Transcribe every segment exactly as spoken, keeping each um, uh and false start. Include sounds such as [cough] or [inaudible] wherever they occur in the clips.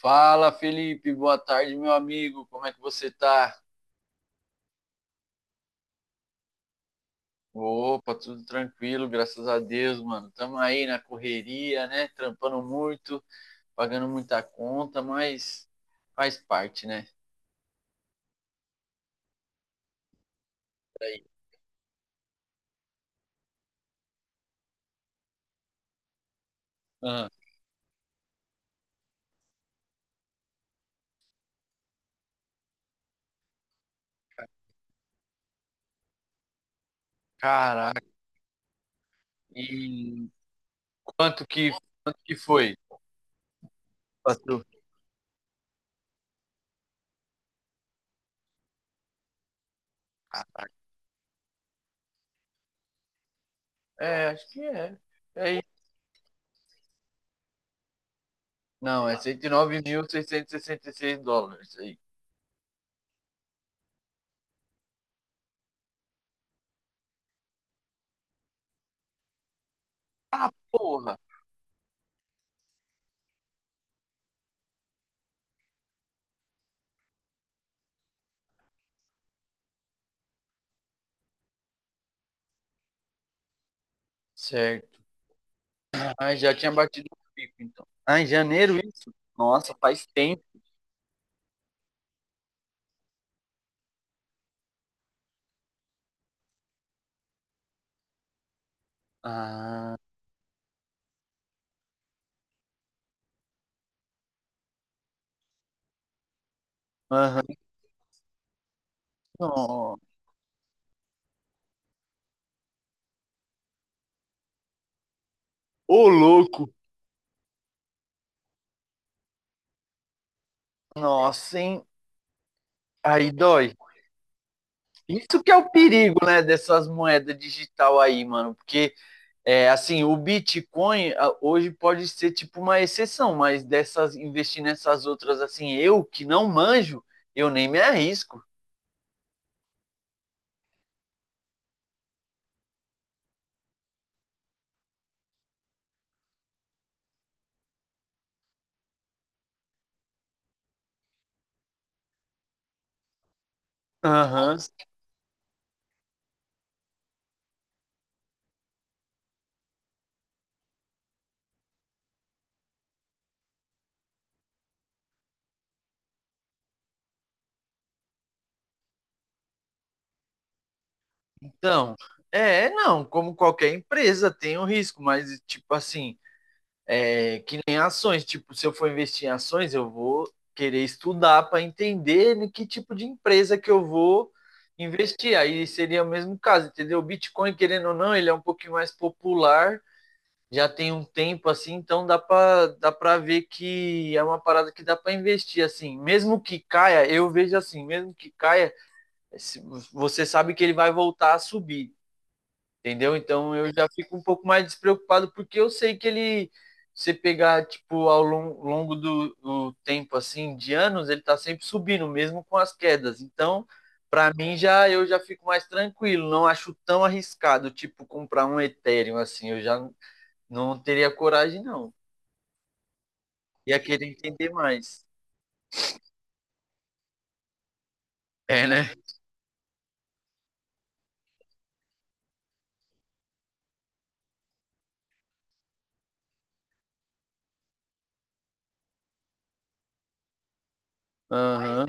Fala, Felipe, boa tarde, meu amigo. Como é que você tá? Opa, tudo tranquilo, graças a Deus, mano. Tamo aí na correria, né? Trampando muito, pagando muita conta, mas faz parte, né? Aí. Ah, caraca, e quanto que, quanto que foi? Passou. É, acho que é. É isso. Não, é cento e e nove mil seiscentos e sessenta e seis dólares aí. Ah, porra! Certo. Ah, já tinha batido o pico, então. Ah, em janeiro isso? Nossa, faz tempo. Ah, aham. Ó. Ô, louco. Nossa, hein? Aí dói. Isso que é o perigo, né, dessas moedas digital aí, mano. Porque, é, assim, o Bitcoin ah, hoje pode ser tipo uma exceção, mas dessas, investir nessas outras, assim, eu que não manjo, eu nem me arrisco. Aham. Então, é, não, como qualquer empresa tem o risco, mas, tipo assim, é, que nem ações. Tipo, se eu for investir em ações, eu vou querer estudar para entender em que tipo de empresa que eu vou investir. Aí seria o mesmo caso, entendeu? O Bitcoin, querendo ou não, ele é um pouquinho mais popular, já tem um tempo assim, então dá para dá para ver que é uma parada que dá para investir assim. Mesmo que caia, eu vejo assim, mesmo que caia, você sabe que ele vai voltar a subir. Entendeu? Então eu já fico um pouco mais despreocupado, porque eu sei que ele, se pegar, tipo, ao lon- longo do, do tempo, assim, de anos, ele tá sempre subindo, mesmo com as quedas. Então, pra mim, já eu já fico mais tranquilo, não acho tão arriscado, tipo, comprar um Ethereum, assim, eu já não teria coragem, não. Ia querer entender mais. É, né? Aham.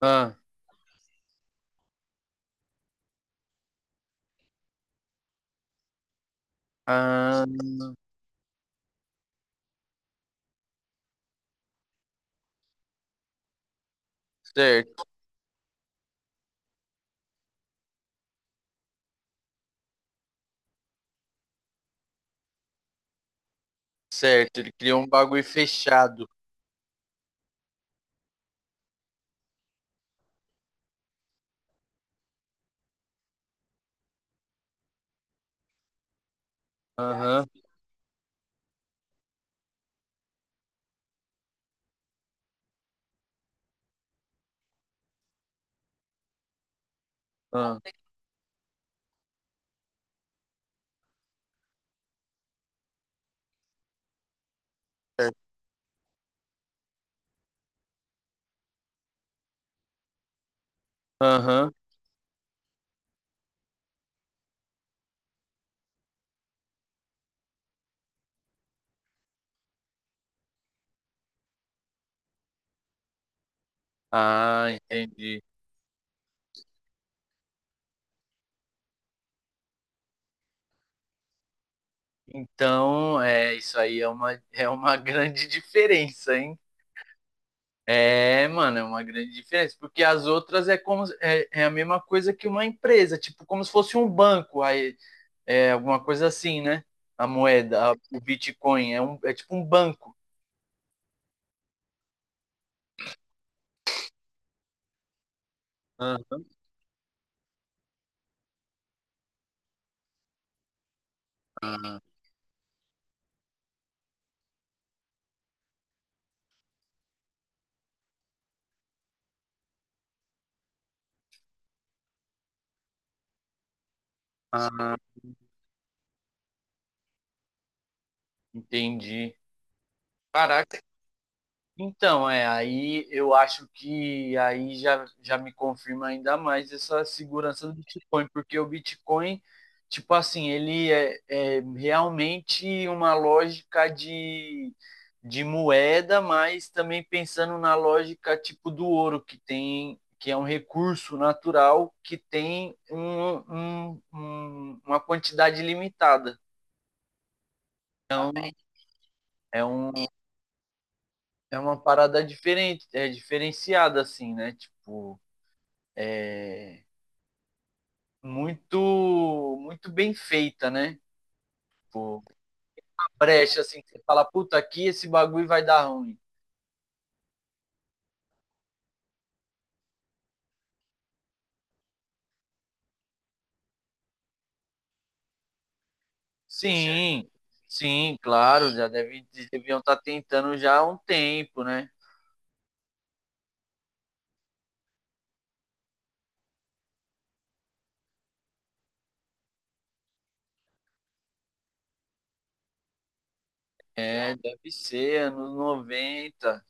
Ah, ah, certo, certo. Ele criou um bagulho fechado. Aham, ah, certo. Aham. Ah, entendi. Então, é, isso aí é uma, é uma [laughs] grande diferença, hein? É, mano, é uma grande diferença, porque as outras é como se- é, é a mesma coisa que uma empresa, tipo como se fosse um banco, aí é alguma coisa assim, né? A moeda, a- o Bitcoin é um, é tipo um banco. Aham. Ah, ah, entendi. Caraca, então, é, aí eu acho que aí já, já me confirma ainda mais essa segurança do Bitcoin, porque o Bitcoin, tipo assim, ele é, é realmente uma lógica de, de moeda, mas também pensando na lógica tipo do ouro, que tem, que é um recurso natural que tem um, um- um- uma quantidade limitada. É, um, é uma parada diferente, é diferenciada, assim, né? Tipo. É, muito muito bem feita, né? Tipo, brecha, assim, você fala, puta, aqui esse bagulho vai dar ruim. Sim, sim, claro, já deve, deviam estar tentando já há um tempo, né? É, deve ser, anos noventa,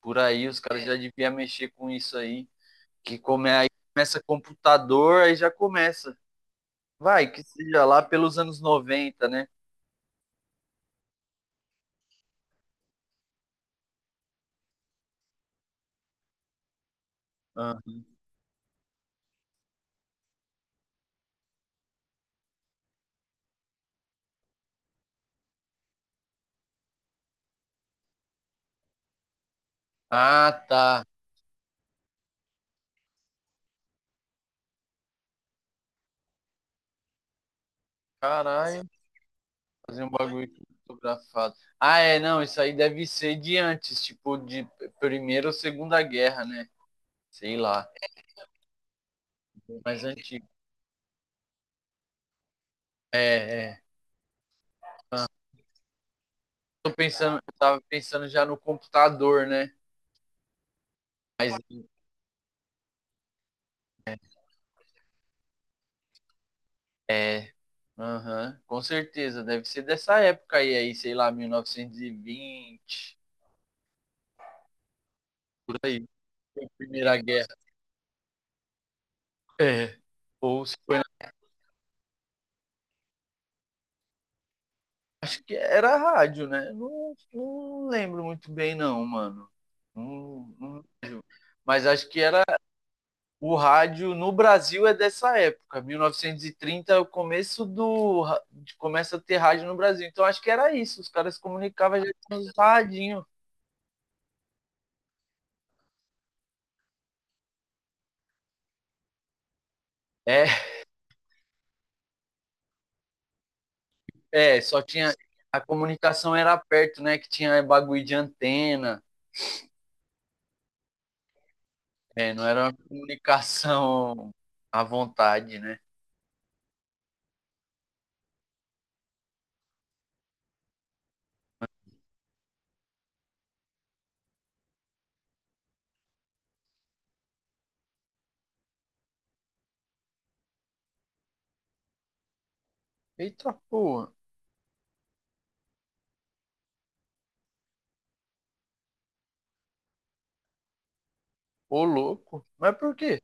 por aí, os caras já deviam mexer com isso aí. Que come, aí começa computador, aí já começa. Vai, que seja lá pelos anos noventa, né? Ah, tá. Caralho. Fazer um bagulho fotografado. Ah, é, não, isso aí deve ser de antes, tipo, de Primeira ou Segunda Guerra, né? Sei lá. É mais antigo. É, é. Tô pensando, eu tava pensando já no computador, né? Mas é. Aham, com certeza, deve ser dessa época aí, aí, sei lá, mil novecentos e vinte por aí, Primeira Guerra. É. Ou se foi, na- acho que era rádio, né? Não, não lembro muito bem, não, mano. Não- não- mas acho que era o rádio no Brasil é dessa época, mil novecentos e trinta é o começo do começa a ter rádio no Brasil. Então acho que era isso, os caras se comunicavam já tinha os radinho. É, é, só tinha a comunicação era perto, né, que tinha bagulho de antena, é, não era uma comunicação à vontade, né? Eita porra, ô louco. Mas por quê?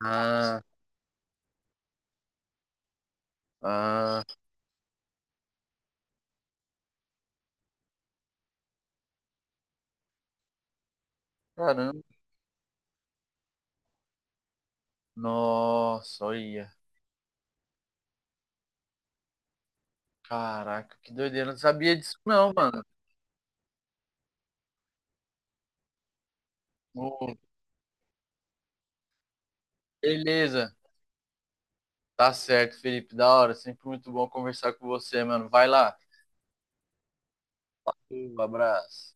Ah, ah, caramba. Nossa, olha. Caraca, que doideira, não sabia disso não, mano. O beleza. Tá certo, Felipe. Da hora. Sempre muito bom conversar com você, mano. Vai lá. Um abraço.